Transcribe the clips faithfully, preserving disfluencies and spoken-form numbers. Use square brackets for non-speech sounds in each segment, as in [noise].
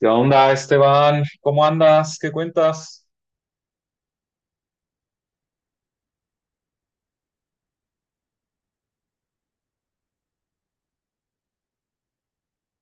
¿Qué onda, Esteban? ¿Cómo andas? ¿Qué cuentas?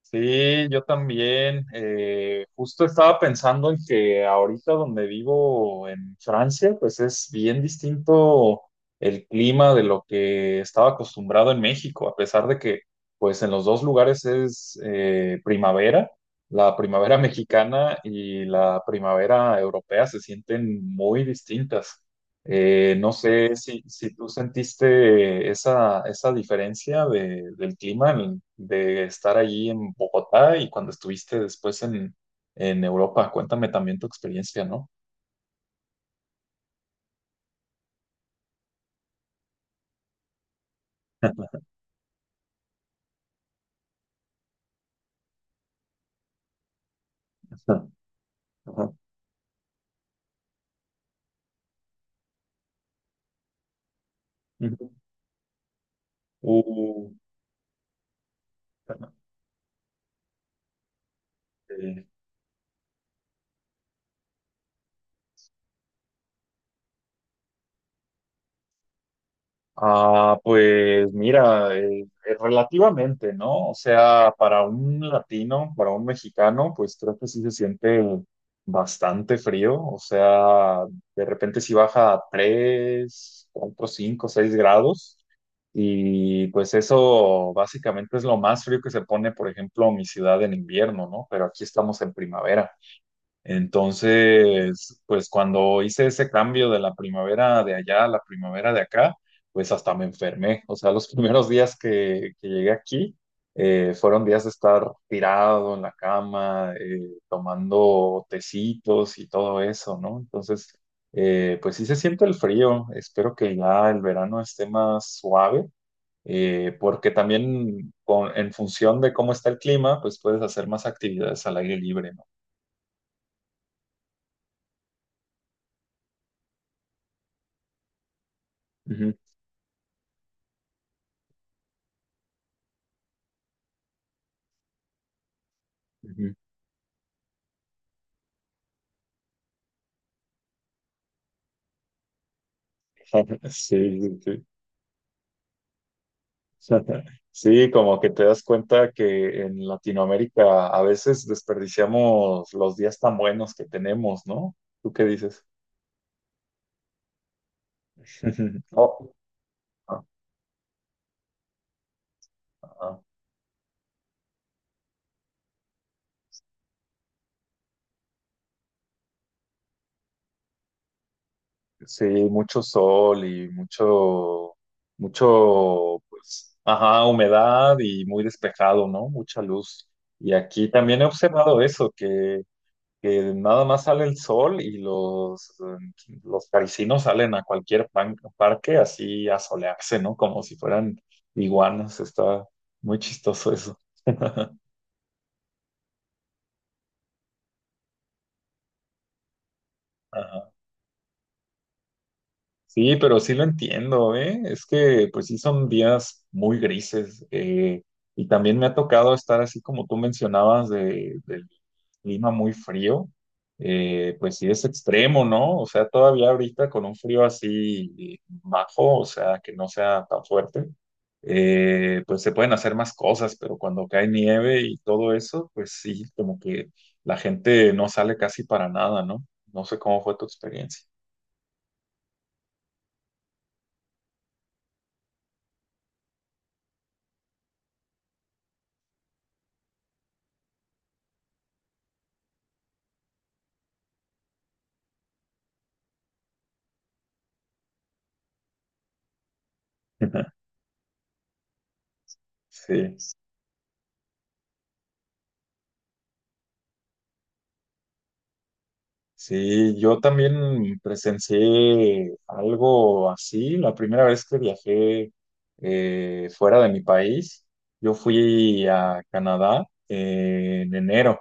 Sí, yo también. Eh, justo estaba pensando en que ahorita donde vivo en Francia, pues es bien distinto el clima de lo que estaba acostumbrado en México, a pesar de que pues en los dos lugares es eh, primavera. La primavera mexicana y la primavera europea se sienten muy distintas. Eh, no sé si, si tú sentiste esa, esa diferencia de, del clima en- de estar allí en Bogotá y cuando estuviste después en, en Europa. Cuéntame también tu experiencia, ¿no? [laughs] Ajá. Ujú. Uh, eh, Ah, pues mira, eh, eh, relativamente, ¿no? O sea, para un latino, para un mexicano, pues creo que sí se siente bastante frío. O sea, de repente sí baja a tres, cuatro, cinco, seis grados. Y pues eso básicamente es lo más frío que se pone, por ejemplo, mi ciudad en invierno, ¿no? Pero aquí estamos en primavera. Entonces, pues cuando hice ese cambio de la primavera de allá a la primavera de acá, pues hasta me enfermé. O sea, los [laughs] primeros días que, que llegué aquí eh, fueron días de estar tirado en la cama, eh, tomando tecitos y todo eso, ¿no? Entonces, eh, pues sí se siente el frío. Espero que ya el verano esté más suave. Eh, porque también con- en función de cómo está el clima, pues puedes hacer más actividades al aire libre, ¿no? Ujú, ujú. [laughs] Sí, sí, sí. [laughs] Sí, como que te das cuenta que en Latinoamérica a veces desperdiciamos los días tan buenos que tenemos, ¿no? ¿Tú qué dices? [laughs] Oh, ah, ah. Ah. Sí, mucho sol y mucho, mucho, pues, ajá, humedad y muy despejado, ¿no? Mucha luz. Y aquí también he observado eso, que que nada más sale el sol y los, eh, los parisinos salen a cualquier pan- parque así a solearse, ¿no? Como si fueran iguanas. Está muy chistoso eso. Sí, pero sí lo entiendo, ¿eh? Es que pues sí son días muy grises eh, y también me ha tocado estar así como tú mencionabas de, del clima muy frío, eh, pues sí es extremo, ¿no? O sea, todavía ahorita con un frío así bajo, o sea, que no sea tan fuerte, eh, pues se pueden hacer más cosas, pero cuando cae nieve y todo eso, pues sí, como que la gente no sale casi para nada, ¿no? No sé cómo fue tu experiencia. [laughs] Sí. Sí, yo también presencié algo así. La primera vez que viajé eh, fuera de mi país, yo fui a Canadá eh, en enero.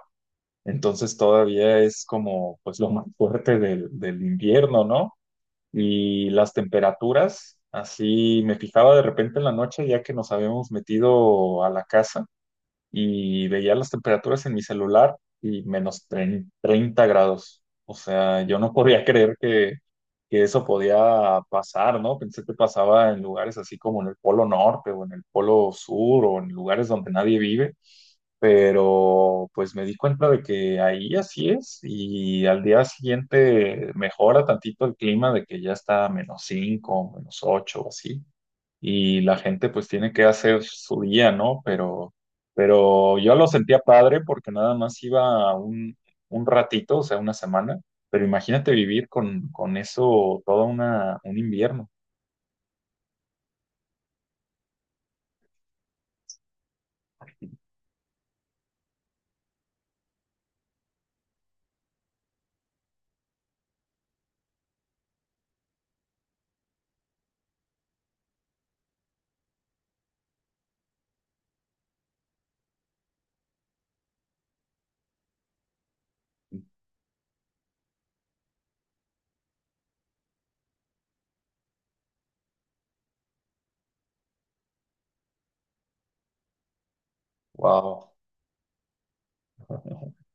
Entonces todavía es como pues lo más fuerte del, del invierno, ¿no? Y las temperaturas, así me fijaba de repente en la noche ya que nos habíamos metido a la casa y veía las temperaturas en mi celular y menos trein- treinta grados. O sea, yo no [laughs] podía creer que, que eso podía pasar, ¿no? Pensé que pasaba en lugares así como en el Polo Norte o en el Polo Sur o en lugares donde nadie vive, pero pues me di cuenta de que ahí así es y al día siguiente mejora tantito el clima de que ya está a menos cinco menos ocho o así y la gente pues tiene que hacer su día, ¿no? Pero, pero yo lo sentía padre porque nada más iba un, un ratito, o sea, una semana, pero imagínate vivir con, con eso todo una, un invierno. Wow. [laughs]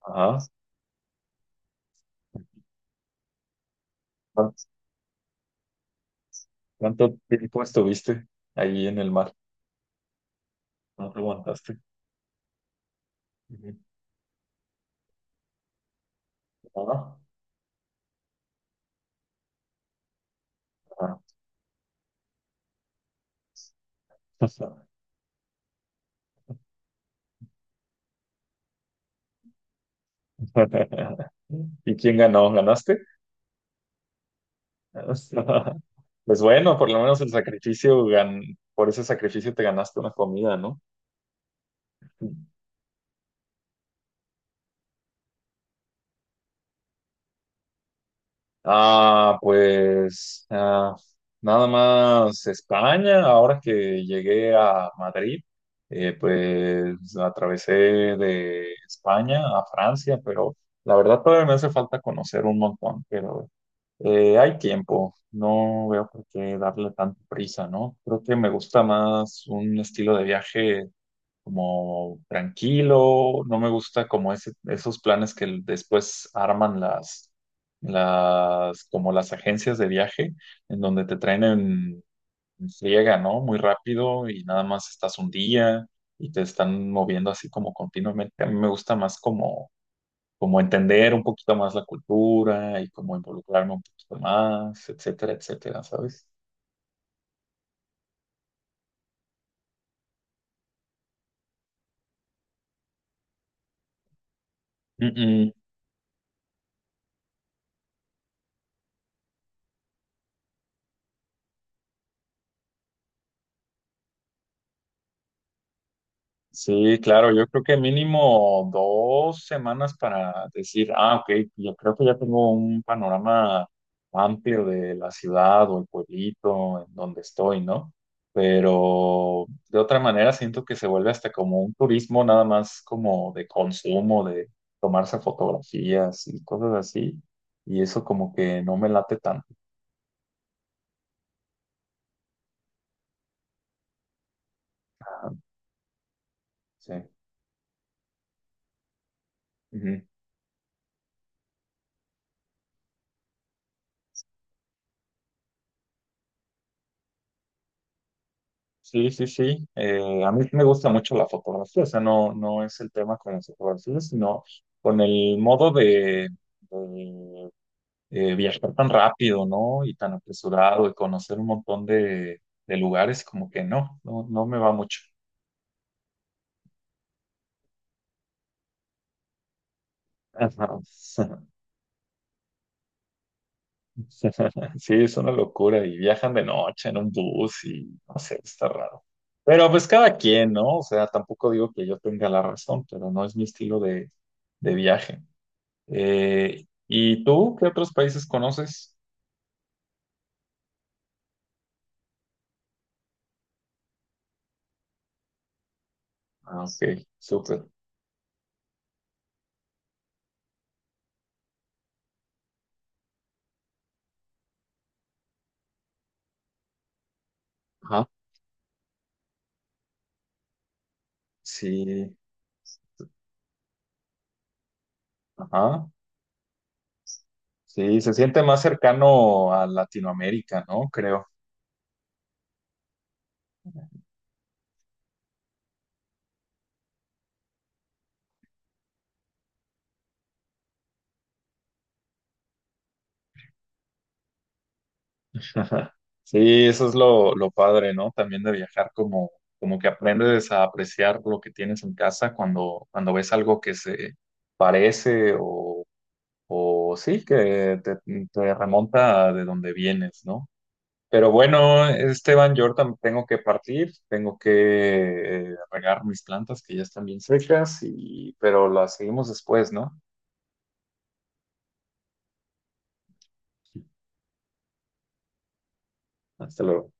Ajá. ¿Cuán- ¿Cuánto tiempo estuviste ahí en el mar? ¿No te aguantaste? Ujú. Ah, ah. [laughs] ¿Y quién ganó? ¿Ganaste? O sea, [laughs] pues bueno, por lo menos el sacrificio, gan- por ese sacrificio te ganaste una comida, ¿no? Ah, pues ah, nada más España, ahora que llegué a Madrid, eh, pues atravesé de España a Francia, pero la verdad todavía me hace falta conocer un montón, pero eh, hay tiempo, no veo por qué darle tanta prisa, ¿no? Creo que me gusta más un estilo de viaje como tranquilo, no me gusta como ese, esos planes que después arman las, las, como las agencias de viaje, en donde te traen en, en friega, ¿no? Muy rápido y nada más estás un día y te están moviendo así como continuamente. A mí me gusta más como, como entender un poquito más la cultura y como involucrarme un poquito más, etcétera, etcétera, ¿sabes? Sí, claro, yo creo que mínimo dos semanas para decir, ah, ok, yo creo que ya tengo un panorama amplio de la ciudad o el pueblito en donde estoy, ¿no? Pero de otra manera siento que se vuelve hasta como un turismo nada más como de consumo, de tomarse fotografías y cosas así, y eso como que no me late tanto. Ajá, sí. Sí, sí, sí. Eh, a mí me gusta mucho la fotografía, o sea, no, no es el tema con la fotografía, sino con el modo de, de, eh, viajar tan rápido, ¿no? Y tan apresurado y conocer un montón de, de lugares, como que no, no, no me va mucho. Ajá. [laughs] Sí, es una locura y viajan de noche en un bus y no sé, está raro. Pero pues cada quien, ¿no? O sea, tampoco digo que yo tenga la razón, pero no es mi estilo de de viaje. Eh, ¿y tú qué otros países conoces? Ah, ok, súper. Ajá. Sí, ajá. Sí, se siente más cercano a Latinoamérica, ¿no? Creo. [laughs] Sí, eso es lo, lo padre, ¿no? También de viajar, como, como que aprendes a apreciar lo que tienes en casa cuando, cuando ves algo que se parece o, o sí, que te, te remonta de donde vienes, ¿no? Pero bueno, Esteban, yo ahorita tengo que partir, tengo que eh, regar mis plantas que ya están bien secas y pero las seguimos después, ¿no? Hasta luego.